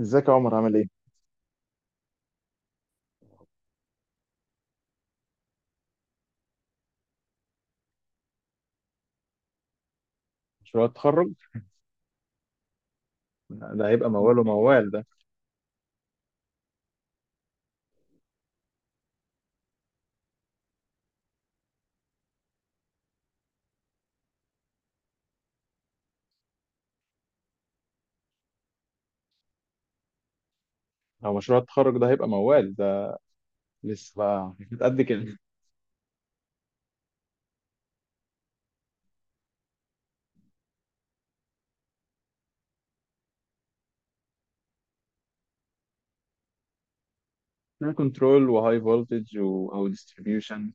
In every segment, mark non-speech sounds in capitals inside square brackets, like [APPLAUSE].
ازيك يا عمر، عامل ايه؟ مشروع التخرج ده هيبقى موال وموال ده. لو مشروع التخرج ده هيبقى موال ده، لسه بقى قد كده؟ [LAUGHS] كنترول، وهاي فولتج، او ديستريبيوشن.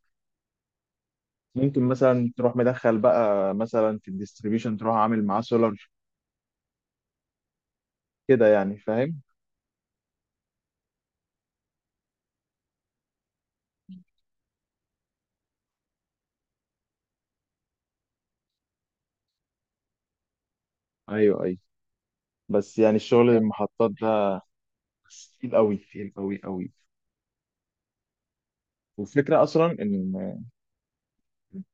ممكن مثلا تروح مدخل بقى مثلا في الديستريبيوشن، تروح عامل معاه سولار كده يعني، فاهم؟ ايوه، ايوه. بس يعني الشغل المحطات ده تقيل قوي، تقيل قوي قوي. والفكره اصلا ان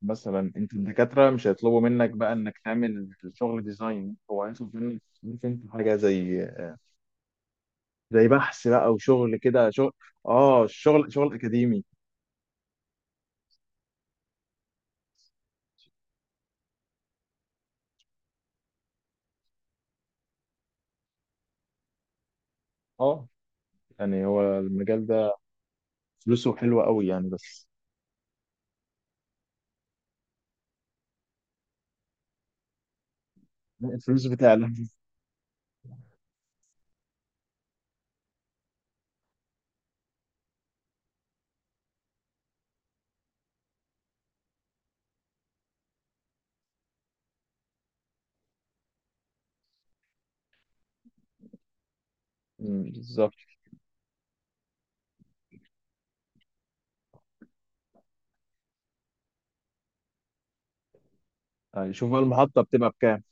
مثلا انت الدكاتره مش هيطلبوا منك بقى انك تعمل شغل ديزاين، هو عايز منك، عارف انت، حاجه زي بحث بقى، وشغل كده شغل. اه، شغل اكاديمي. اه، يعني هو المجال ده فلوسه حلوة قوي يعني، بس. الفلوس بتعلى. بالظبط. يعني شوف بقى، المحطة بتبقى بكام؟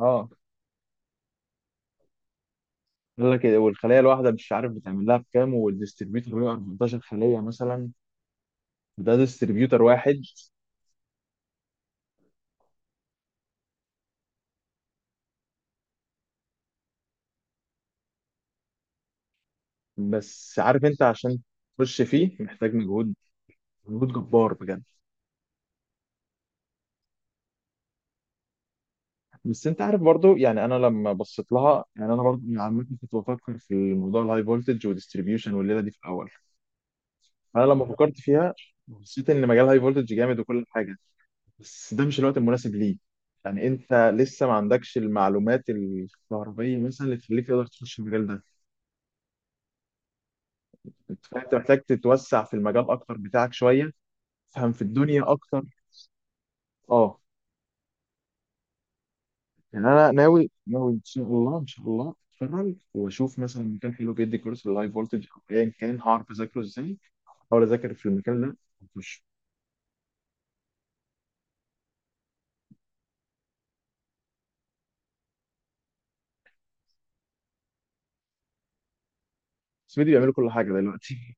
اه، قال لك إيه، والخلية الواحدة مش عارف بتعمل لها بكام، والديستريبيوتر بيبقى 14 خلية مثلا. ده ديستريبيوتر واحد. بس عارف انت، عشان تخش فيه محتاج مجهود، مجهود جبار بجد. بس انت عارف برضو، يعني انا لما بصيت لها، يعني انا برضو يعني عامه كنت بفكر في الموضوع الهاي فولتج وديستريبيوشن، والليله دي في الاول. انا لما فكرت فيها حسيت ان مجال هاي فولتج جامد وكل حاجه، بس ده مش الوقت المناسب ليه. يعني انت لسه ما عندكش المعلومات الكهربائيه مثلا اللي تخليك تقدر تخش المجال ده. انت فاهم؟ انت محتاج تتوسع في المجال اكتر بتاعك شويه، تفهم في الدنيا اكتر. اه، يعني انا ناوي ناوي ان شاء الله، ان شاء الله اتفرج واشوف مثلا مكان حلو بيدي كورس اللايف فولتج او ايا كان، هعرف اذاكره ازاي. احاول اذاكر في المكان ده واخش. بس فيديو بيعملوا كل حاجه دلوقتي.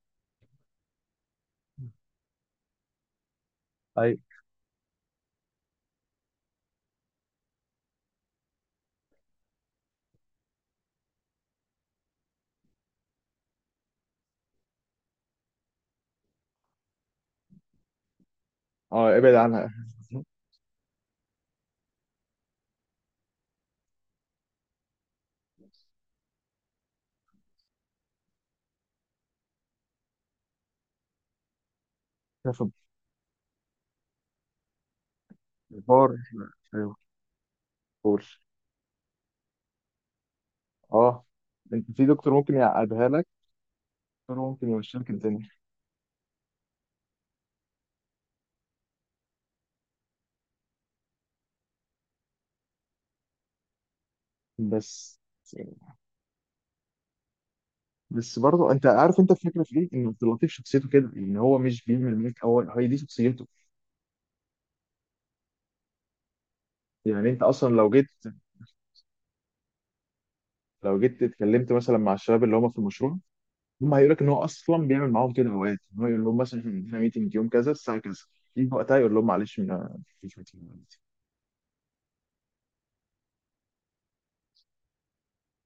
ايوه. اه، ابعد عنها. تاخد. بار. ايوه. كورس. اه، انت في دكتور ممكن يعقدها لك، دكتور ممكن يمشيلك الدنيا. بس بس برضه، انت عارف انت الفكره في ايه؟ ان عبد اللطيف شخصيته كده، ان هو مش بيعمل ميك، هو هي دي شخصيته. يعني انت اصلا لو جيت، اتكلمت مثلا مع الشباب اللي هم في المشروع، هم هيقول لك ان هو اصلا بيعمل معاهم كده اوقات، ان هو يقول لهم مثلا احنا عندنا ميتنج يوم كذا الساعه كذا، يجي وقتها يقول لهم معلش ما فيش meeting دلوقتي.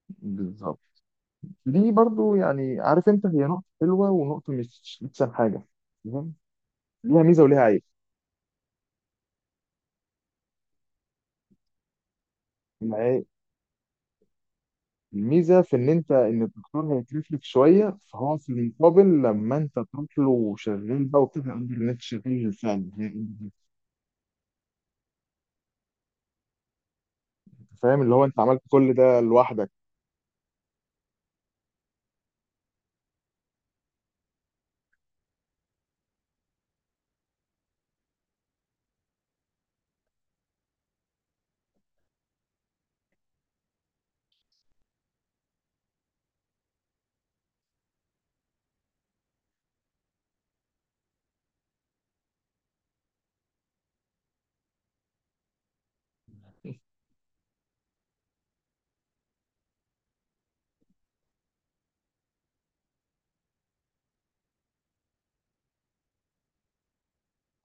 بالظبط. دي برضو يعني، عارف انت، هي نقطه حلوه ونقطه مش احسن حاجه. تمام. ليها ميزه وليها عيب. العيب- الميزه في ان انت، ان الدكتور هيكلف لك شويه، فهو في المقابل لما انت تروح له شغال بقى، وبتبقى قادر ان انت شغال فعلا. فاهم؟ اللي هو انت عملت كل ده لوحدك.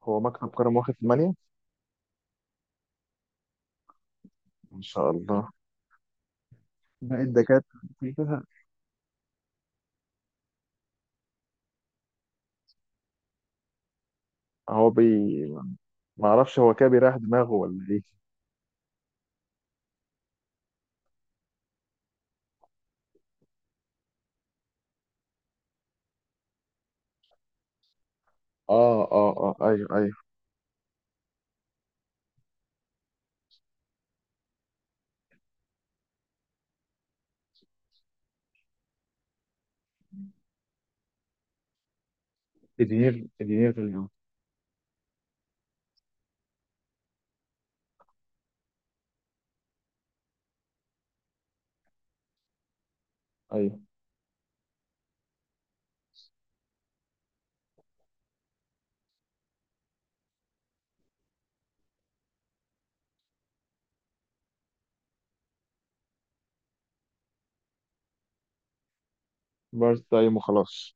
هو مكتب كرم واخد 8 ان شاء الله. باقي الدكاترة كلها هو بي ما اعرفش، هو كده بيريح دماغه، ولا ايه؟ اه، اه، اه. ايوه، ايوه. ادينير في اليوم. ايوه، بارت تايم وخلاص.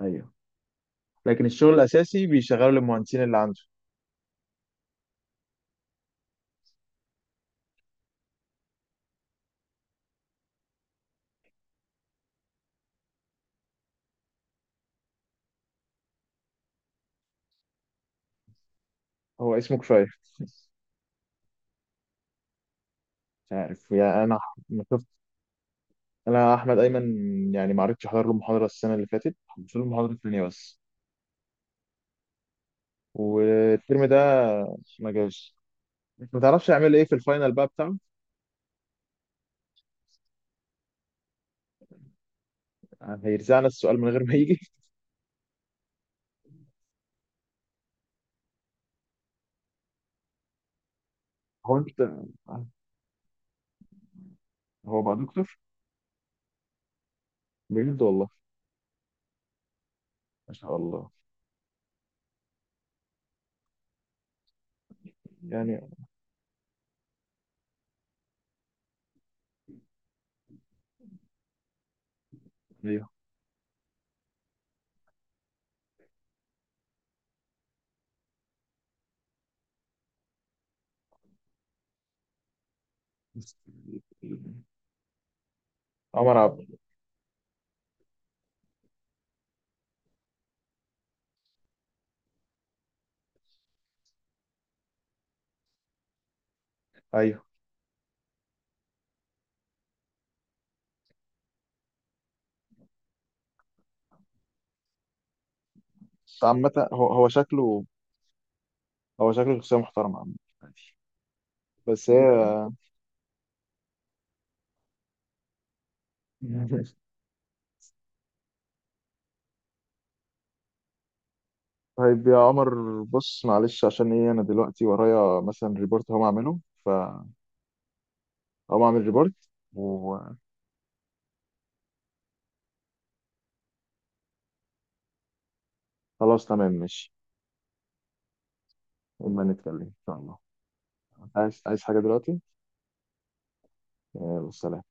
ايوه، لكن الشغل الاساسي بيشغله للمهندسين اللي عنده. هو اسمه كفايه [LAUGHS] مش عارف. يعني انا ما شفت. انا احمد ايمن، يعني ما عرفتش احضر له المحاضره السنه اللي فاتت، حضرت له المحاضره الثانيه بس. والترم ده ما جاش. ما تعرفش يعمل ايه في الفاينل بقى بتاعه، هيرزعنا السؤال من غير ما يجي. هو انت هو بقى دكتور؟ بجد والله؟ ما شاء الله. يعني ايوه. عمر عبد. ايوه. بس عامة هو شكله شخصية محترمة عامة. عادي. بس هي [LAUGHS] طيب يا عمر، بص معلش، عشان ايه انا دلوقتي ورايا مثلا ريبورت هقوم اعمله، فهقوم اعمل ريبورت وخلاص. تمام ماشي. اما نتكلم ان شاء الله. عايز حاجة دلوقتي؟ يلا، سلام.